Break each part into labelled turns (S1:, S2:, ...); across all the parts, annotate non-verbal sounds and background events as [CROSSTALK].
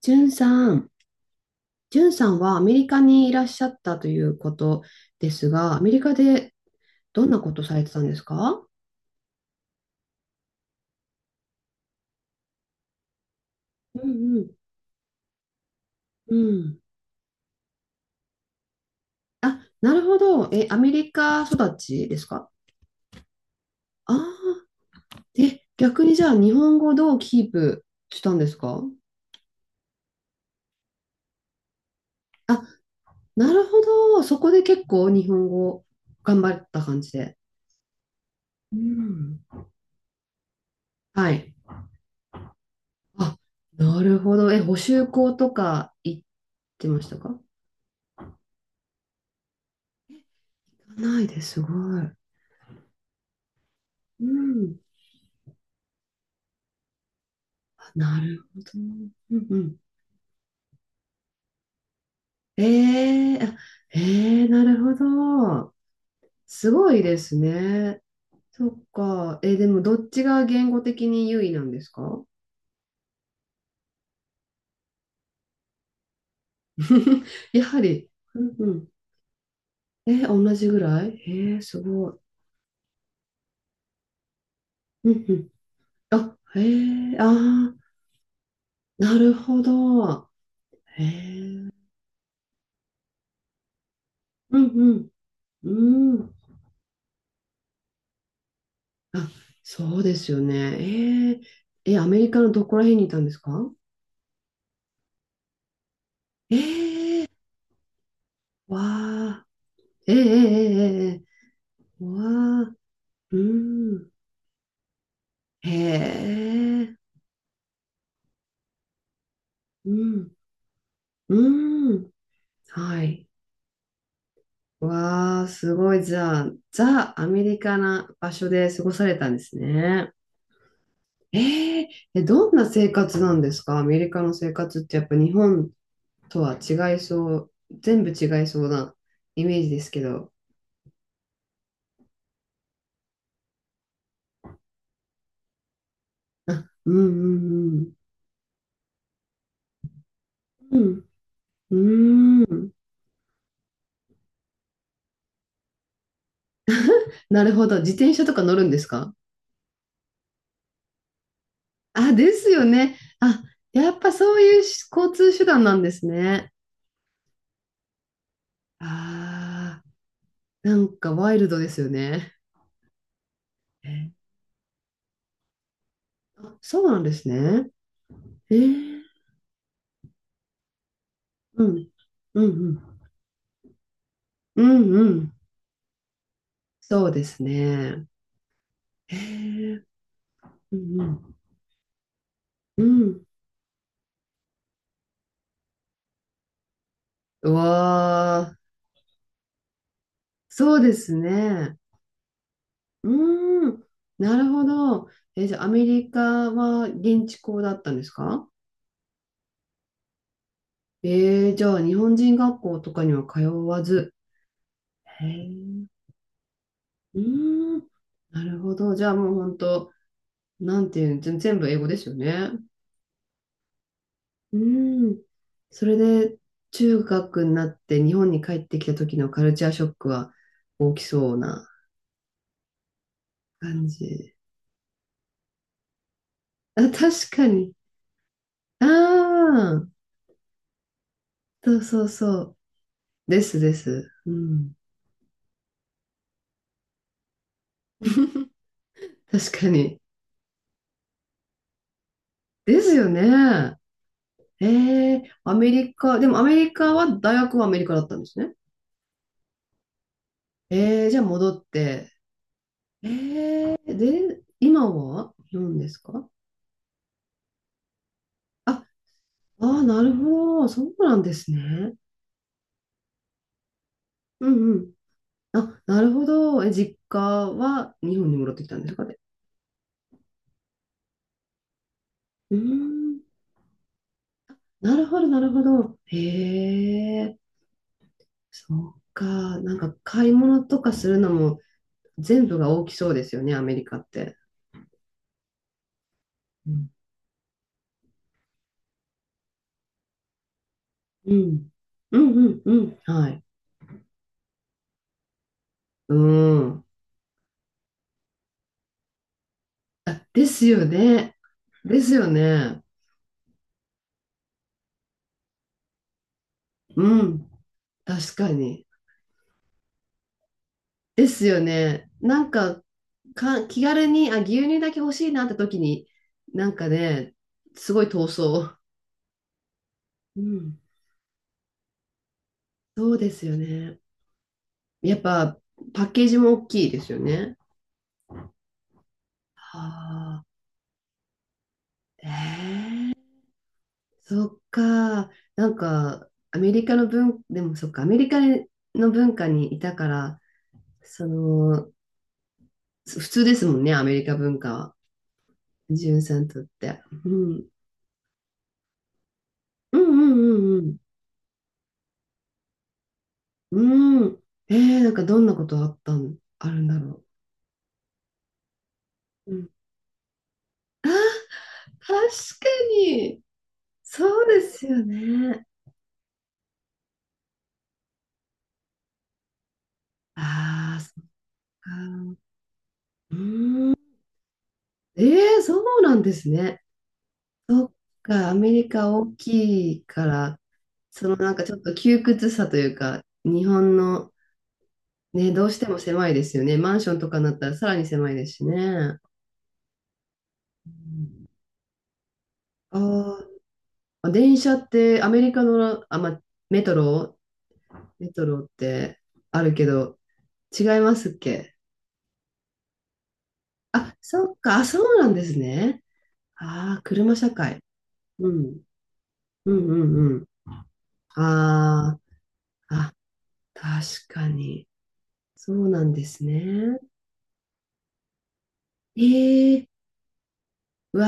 S1: じゅんさん、じゅんさんはアメリカにいらっしゃったということですが、アメリカでどんなことされてたんですか？うんうんうん。あ、なるほど。え、アメリカ育ちですか？ああー、え、逆にじゃあ日本語どうキープしたんですか？あ、なるほど。そこで結構日本語頑張った感じで。うん。はい。あ、なるほど。え、補習校とか行ってましたか？ないです。すごい。うん。あ、なるほど。うんうん。ええ、あ、ええ、なるほど。すごいですね。そっか。えー、でもどっちが言語的に優位なんですか？ [LAUGHS] やはり。うんうん。えー、同じぐらい、えー、すごい。うんうん。あ、えー、あー、なるほど。えー、うんうん。うん。あ、そうですよね。えー、えー、アメリカのどこら辺にいたんですか？えー、わー、ええええええ。うわあ、うん。へえ、うん、うん。はい。わあ、すごい。じゃあ、ザ・アメリカな場所で過ごされたんですね。ええ、え、どんな生活なんですか？アメリカの生活ってやっぱ日本とは違いそう、全部違いそうなイメージですけど。あ、うんうんうん。うん、うん。なるほど。自転車とか乗るんですか？あ、ですよね。あ、やっぱそういうし交通手段なんですね。ああ、なんかワイルドですよね。え、あ、そうなんですね。えー、うん、うん、うん、うん、うん。そうですね。えー、うん、うん、うん。うわあ、そうですね。うーん、なるほど。え、じゃあアメリカは現地校だったんですか？えー、じゃあ日本人学校とかには通わず。へえ。うーん。なるほど。じゃあもう本当、なんていうの、全部英語ですよね。うーん。それで、中学になって日本に帰ってきた時のカルチャーショックは大きそうな感じ。あ、確かに。ああ、そうそうそう。ですです。うん。[LAUGHS] 確かに。ですよね。ええ、アメリカ、でもアメリカは、大学はアメリカだったんですね。ええ、じゃあ戻って、えー、で、今は何ですか？あ、あー、なるほど。そうなんですね。うんうん。あ、なるほど。え、実家は日本に戻ってきたんですかね。うーん。なるほど、なるほど。へえ、そっか。なんか買い物とかするのも全部が大きそうですよね、アメリカって。うん。うん。うんうんうん。はい。うん。あ、ですよね。ですよね。うん。確かに。ですよね。なんか、気軽に、あ、牛乳だけ欲しいなって時に、なんかね、すごい闘争。うん。そうですよね。やっぱ、パッケージも大きいですよね。はあ。ええ、そっか。なんか、アメリカの文、でもそっか、アメリカの文化にいたから、その、普通ですもんね、アメリカ文化は。ジュンさんにとって。うん。うんうんうんうん。うん。えー、なんかどんなことあったん、あるんだろう。うん。あー、確かに。そうですよね。ああ、そっか。えー、そうなんですね。そっか、アメリカ大きいから、そのなんかちょっと窮屈さというか、日本のね、どうしても狭いですよね。マンションとかになったらさらに狭いですしね。ああー、電車ってアメリカの、あ、ま、メトロ、メトロってあるけど、違いますっけ？あ、そっか、あ、そうなんですね。ああ、車社会。うん。うんうんうん。ああ、あ、確かに。そうなんですね。ええ、わ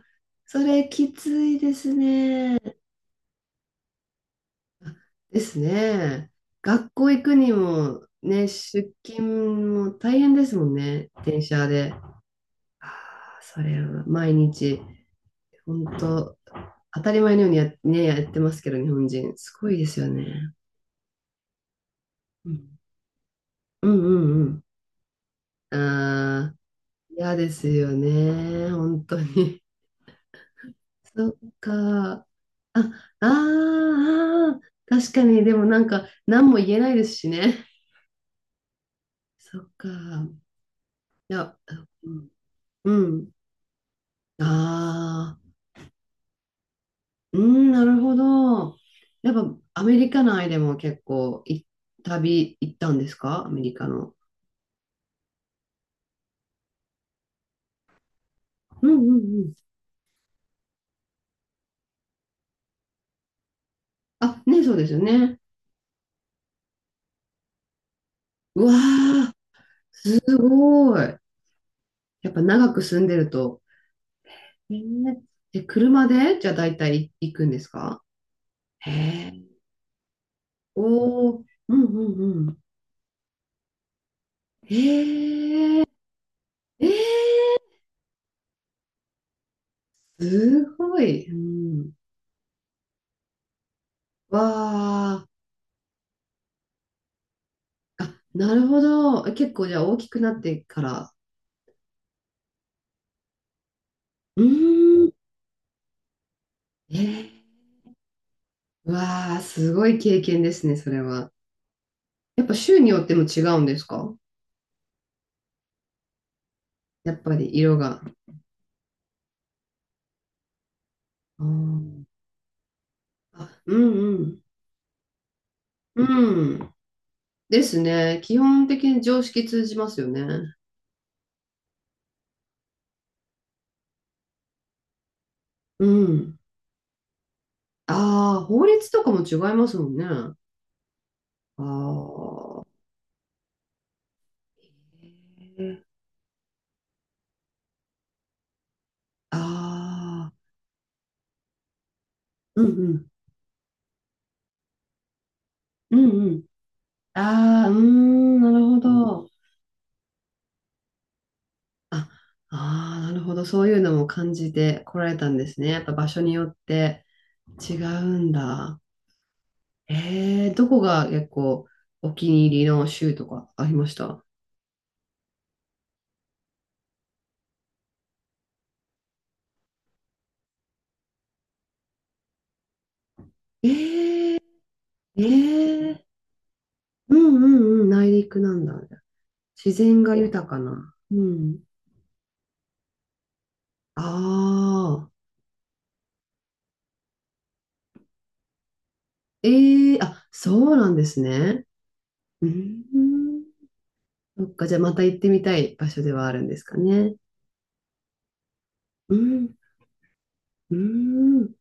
S1: あ、それきついですね。あ、ですね。学校行くにも、ね、出勤も大変ですもんね、電車で。あ、あ、それは毎日。本当、当たり前のようにね、やってますけど、日本人。すごいですよね。うんうんうんうん。ああ、嫌ですよね。本当に。[LAUGHS] そっか。あ、あーあー、確かに。でもなんか、何も言えないですしね。[LAUGHS] そっか。いや、うん。うん、ああ、うん、なるほど。やっぱ、アメリカ内でも結構旅行ったんですか？アメリカの。うんうん、あ、ね、そうですよね。うわー、すごい。やっぱ長く住んでると。えー、で、車でじゃあ大体行くんですか？へえ。おー、うんうんうん。へえ、えー、すごい。うん。わー、あ、なるほど。結構じゃあ大きくなってから。うーん。えー、わー、すごい経験ですね、それは。やっぱ州によっても違うんですか？やっぱり色が。あー、あ、うんうん。うん。ですね。基本的に常識通じますよね。うん。ああ、法律とかも違いますもんね。ああ。へー、ああ、うんうん、うんうん。ああ、うーん、なるほど。あ、ああ、なるほど。そういうのも感じてこられたんですね。やっぱ場所によって違うんだ。ええ、どこが結構お気に入りの州とかありました？ええ、ええ、うんうんうん、内陸なんだ。自然が豊かな。うん。ああ、ええ、あ、そうなんですね。うん。そっか、じゃあまた行ってみたい場所ではあるんですかね。うん。うん。